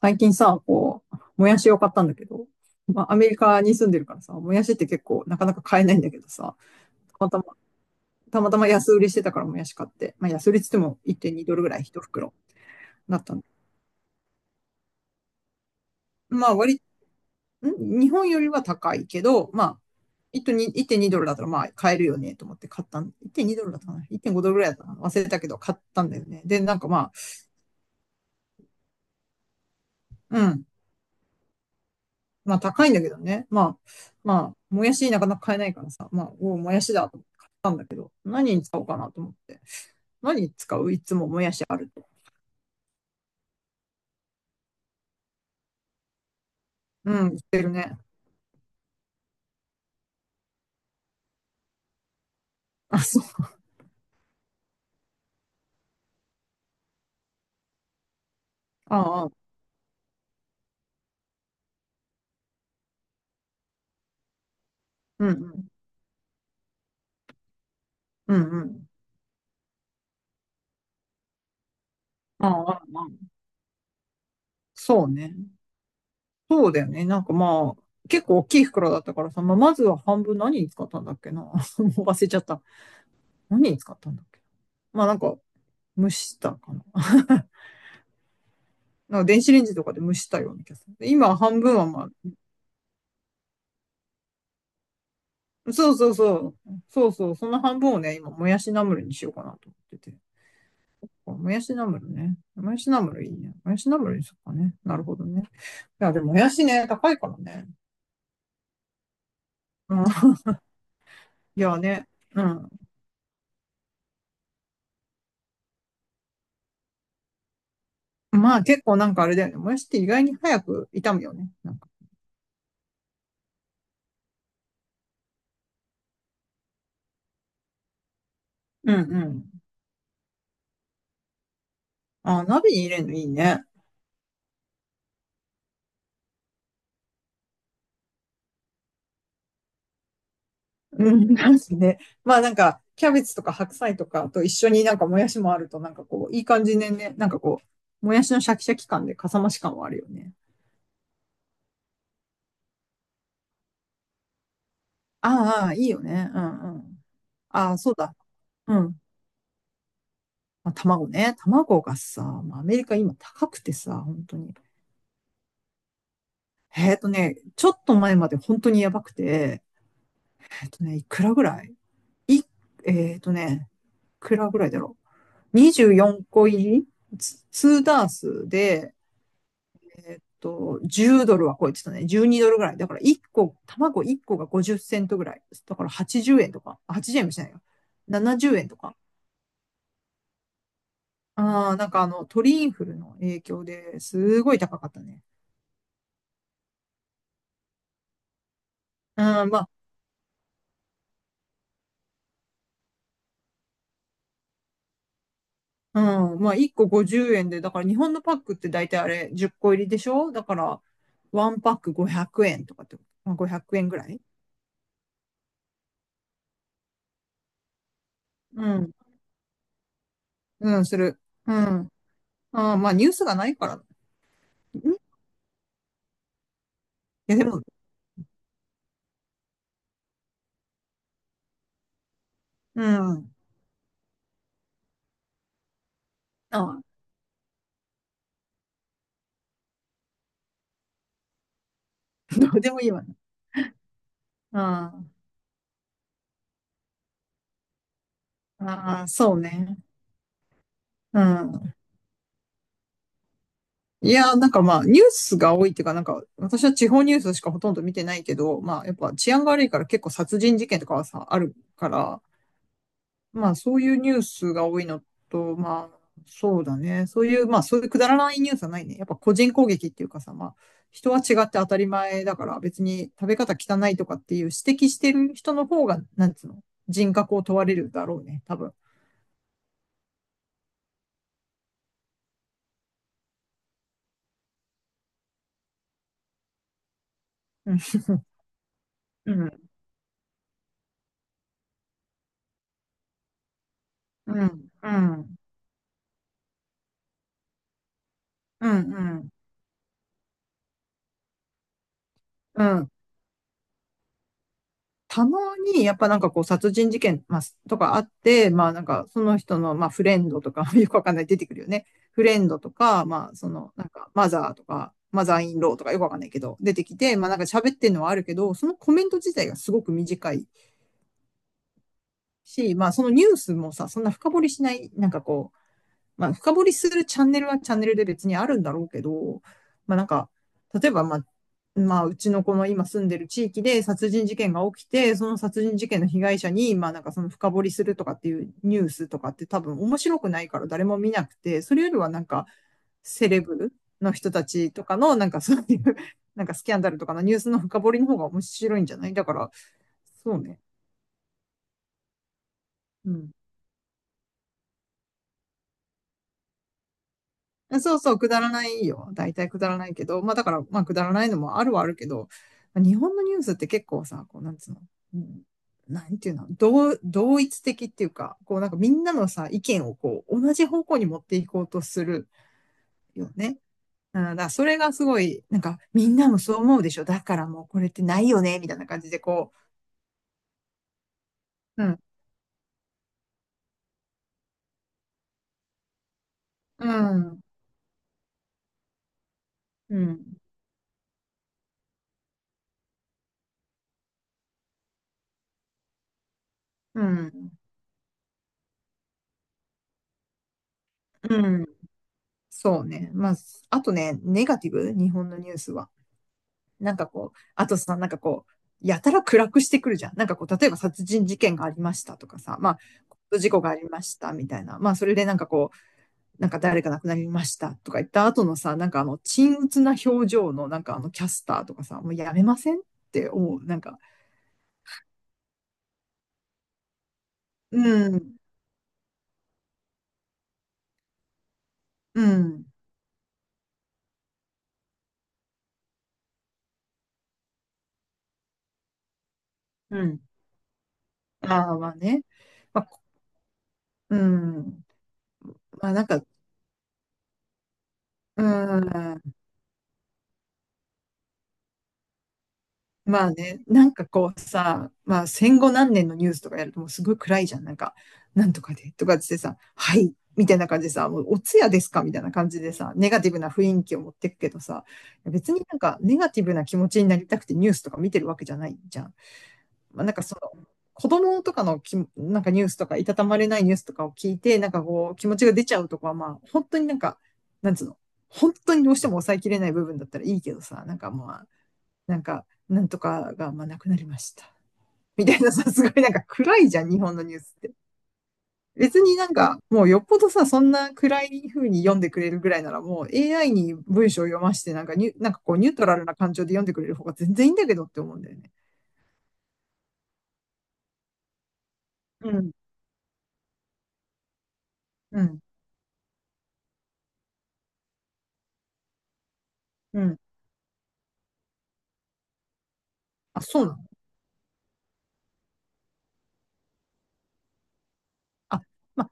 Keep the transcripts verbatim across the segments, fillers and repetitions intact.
最近さ、こう、もやしを買ったんだけど、まあ、アメリカに住んでるからさ、もやしって結構なかなか買えないんだけどさ、たまたま、たまたま安売りしてたからもやし買って、まあ、安売りっつってもいってんにドルぐらいひと袋だったんだ。まあ、割り、ん日本よりは高いけど、まあ、いってんに いってんにドルだったらまあ買えるよねと思って買ったん。いってんにドルだったかな ?いってんご ドルぐらいだったかな、忘れたけど買ったんだよね。で、なんかまあ、うん。まあ高いんだけどね。まあ、まあ、もやしなかなか買えないからさ、まあ、おうもやしだと思って買ったんだけど、何に使おうかなと思って。何に使ういつももやしあると。うん、言ってるね。あ、そう。ああ、うんうん。うんうん。あ、ああ、ああ、あ、そうね。そうだよね。なんかまあ、結構大きい袋だったからさ、まあ、まずは半分何に使ったんだっけな。もう忘れちゃった。何に使ったんだっけ。まあなんか、蒸したかな。なんか電子レンジとかで蒸したような気がする。で今半分はまあ、そうそうそう。そうそう。その半分をね、今、もやしナムルにしようかなと思ってて。もやしナムルね。もやしナムルいいね。もやしナムルにしようかね。なるほどね。いや、でももやしね、高いからね。うん。いやね。うん。まあ結構なんかあれだよね。もやしって意外に早く炒むよね。なんか。うんうん。あ、鍋に入れるのいいね。うん、なんすね。まあなんか、キャベツとか白菜とかと一緒になんかもやしもあると、なんかこう、いい感じでね、なんかこう、もやしのシャキシャキ感でかさ増し感はあるよね。ああ、ああ、いいよね。うんうん。ああ、そうだ。うん。まあ、卵ね。卵がさ、まあ、アメリカ今高くてさ、本当に。えっとね、ちょっと前まで本当にやばくて、えっとね、いくらぐらいい、えっとね、いくらぐらいだろう。にじゅうよんこ入り、ツにダースで、えっと、じゅうドルは超えてたね。じゅうにドルぐらい。だからいっこ、卵いっこがごじゅうセントぐらい。だからはちじゅうえんとか。あ、はちじゅうえんもしないよ。ななじゅうえんとか。ああ、なんかあの、鳥インフルの影響ですごい高かったね。うん、まあ、うん、まあ、いっこごじゅうえんで、だから日本のパックって大体あれじゅっこ入りでしょ、だから、ワンパックごひゃくえんとかって、まあ、ごひゃくえんぐらい。うん、うん、する。うん。ああ、まあ、ニュースがないから。んいや、でも、うん。ああ、どうでもいいわね。うん。ああ、そうね。うん。いやー、なんかまあ、ニュースが多いっていうか、なんか、私は地方ニュースしかほとんど見てないけど、まあ、やっぱ治安が悪いから結構殺人事件とかはさ、あるから、まあ、そういうニュースが多いのと、まあ、そうだね。そういう、まあ、そういうくだらないニュースはないね。やっぱ個人攻撃っていうかさ、まあ、人は違って当たり前だから、別に食べ方汚いとかっていう指摘してる人の方が、なんつうの、人格を問われるだろうね、多分。うん。うん。うん。うん。うん。うん。うん。たまに、やっぱなんかこう、殺人事件、まあ、とかあって、まあなんか、その人の、まあフレンドとか、よくわかんない、出てくるよね。フレンドとか、まあその、なんか、マザーとか、マザーインローとかよくわかんないけど、出てきて、まあなんか喋ってるのはあるけど、そのコメント自体がすごく短いし、まあそのニュースもさ、そんな深掘りしない、なんかこまあ、深掘りするチャンネルはチャンネルで別にあるんだろうけど、まあなんか、例えばまあ、まあ、うちのこの今住んでる地域で殺人事件が起きて、その殺人事件の被害者に、まあなんかその深掘りするとかっていうニュースとかって多分面白くないから誰も見なくて、それよりはなんかセレブの人たちとかのなんかそういうなんかスキャンダルとかのニュースの深掘りの方が面白いんじゃない、だから、そうね。うん。そうそう、くだらないよ。大体くだらないけど、まあだから、まあくだらないのもあるはあるけど、まあ日本のニュースって結構さ、こう、なんつうの、うん、なんていうの、同、同一的っていうか、こうなんかみんなのさ、意見をこう、同じ方向に持っていこうとするよね。うん、だからそれがすごい、なんかみんなもそう思うでしょ。だからもうこれってないよね、みたいな感じでこう、うん、うん、うん、うん、うん、そうね。まあ、あとね、ネガティブ、日本のニュースは。なんかこう、あとさ、なんかこう、やたら暗くしてくるじゃん。なんかこう、例えば殺人事件がありましたとかさ、まあ、事故がありましたみたいな。まあ、それでなんかこう、なんか誰か亡くなりましたとか言った後のさ、なんかあの、沈鬱な表情のなんかあの、キャスターとかさ、もうやめませんって思う。なんか、うん、うん、うん。ああ、まあね。まあ、うん。まあなんか、うん。まあね、なんかこうさ、まあ戦後何年のニュースとかやるともうすごい暗いじゃん。なんか、なんとかでとかってさ、はい、みたいな感じでさ、もうお通夜ですかみたいな感じでさ、ネガティブな雰囲気を持ってくけどさ、別になんかネガティブな気持ちになりたくてニュースとか見てるわけじゃないじゃん。まあ、なんかその、子供とかのき、なんかニュースとか、いたたまれないニュースとかを聞いて、なんかこう、気持ちが出ちゃうとかは、まあ、本当になんか、なんつうの、本当にどうしても抑えきれない部分だったらいいけどさ、なんかまあ、なんか、なんとかが、まあ、なくなりました。みたいなさ、すごいなんか暗いじゃん、日本のニュースって。別になんか、もうよっぽどさ、そんな暗い風に読んでくれるぐらいなら、もう エーアイ に文章を読まして、なんかニュ、なんかこうニュートラルな感情で読んでくれる方が全然いいんだけどって思うんだよね。うん、うん、うん。あ、そうなの？あ、まあ、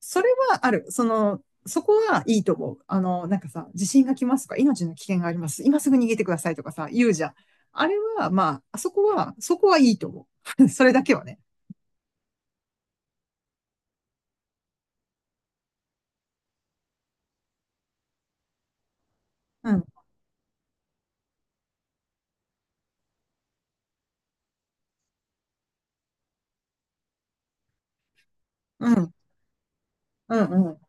それはある。その、そこはいいと思う。あの、なんかさ、地震が来ますとか、命の危険があります。今すぐ逃げてくださいとかさ、言うじゃん。あれは、まあ、あそこは、そこはいいと思う。それだけはね。うん、うん、うん、うん、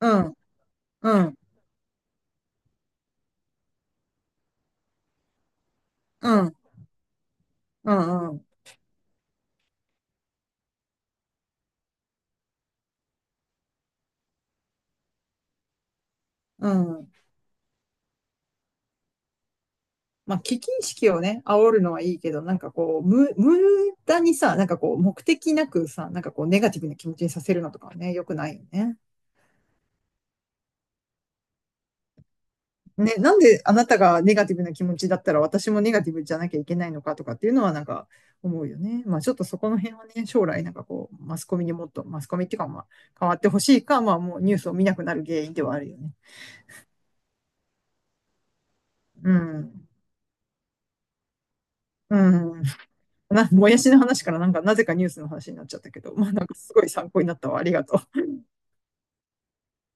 うん、うん、うん、うん、うん。うん、まあ、危機意識をね、煽るのはいいけど、なんかこう、無、無駄にさ、なんかこう、目的なくさ、なんかこう、ネガティブな気持ちにさせるのとかはね、良くないよね。ね、なんであなたがネガティブな気持ちだったら私もネガティブじゃなきゃいけないのかとかっていうのはなんか思うよね。まあちょっとそこの辺はね、将来なんかこう、マスコミにもっと、マスコミっていうかまあ、変わってほしいか、まあもうニュースを見なくなる原因ではあるよね。うん。うん。な、もやしの話からなんかなぜかニュースの話になっちゃったけど、まあなんかすごい参考になったわ。ありがとう。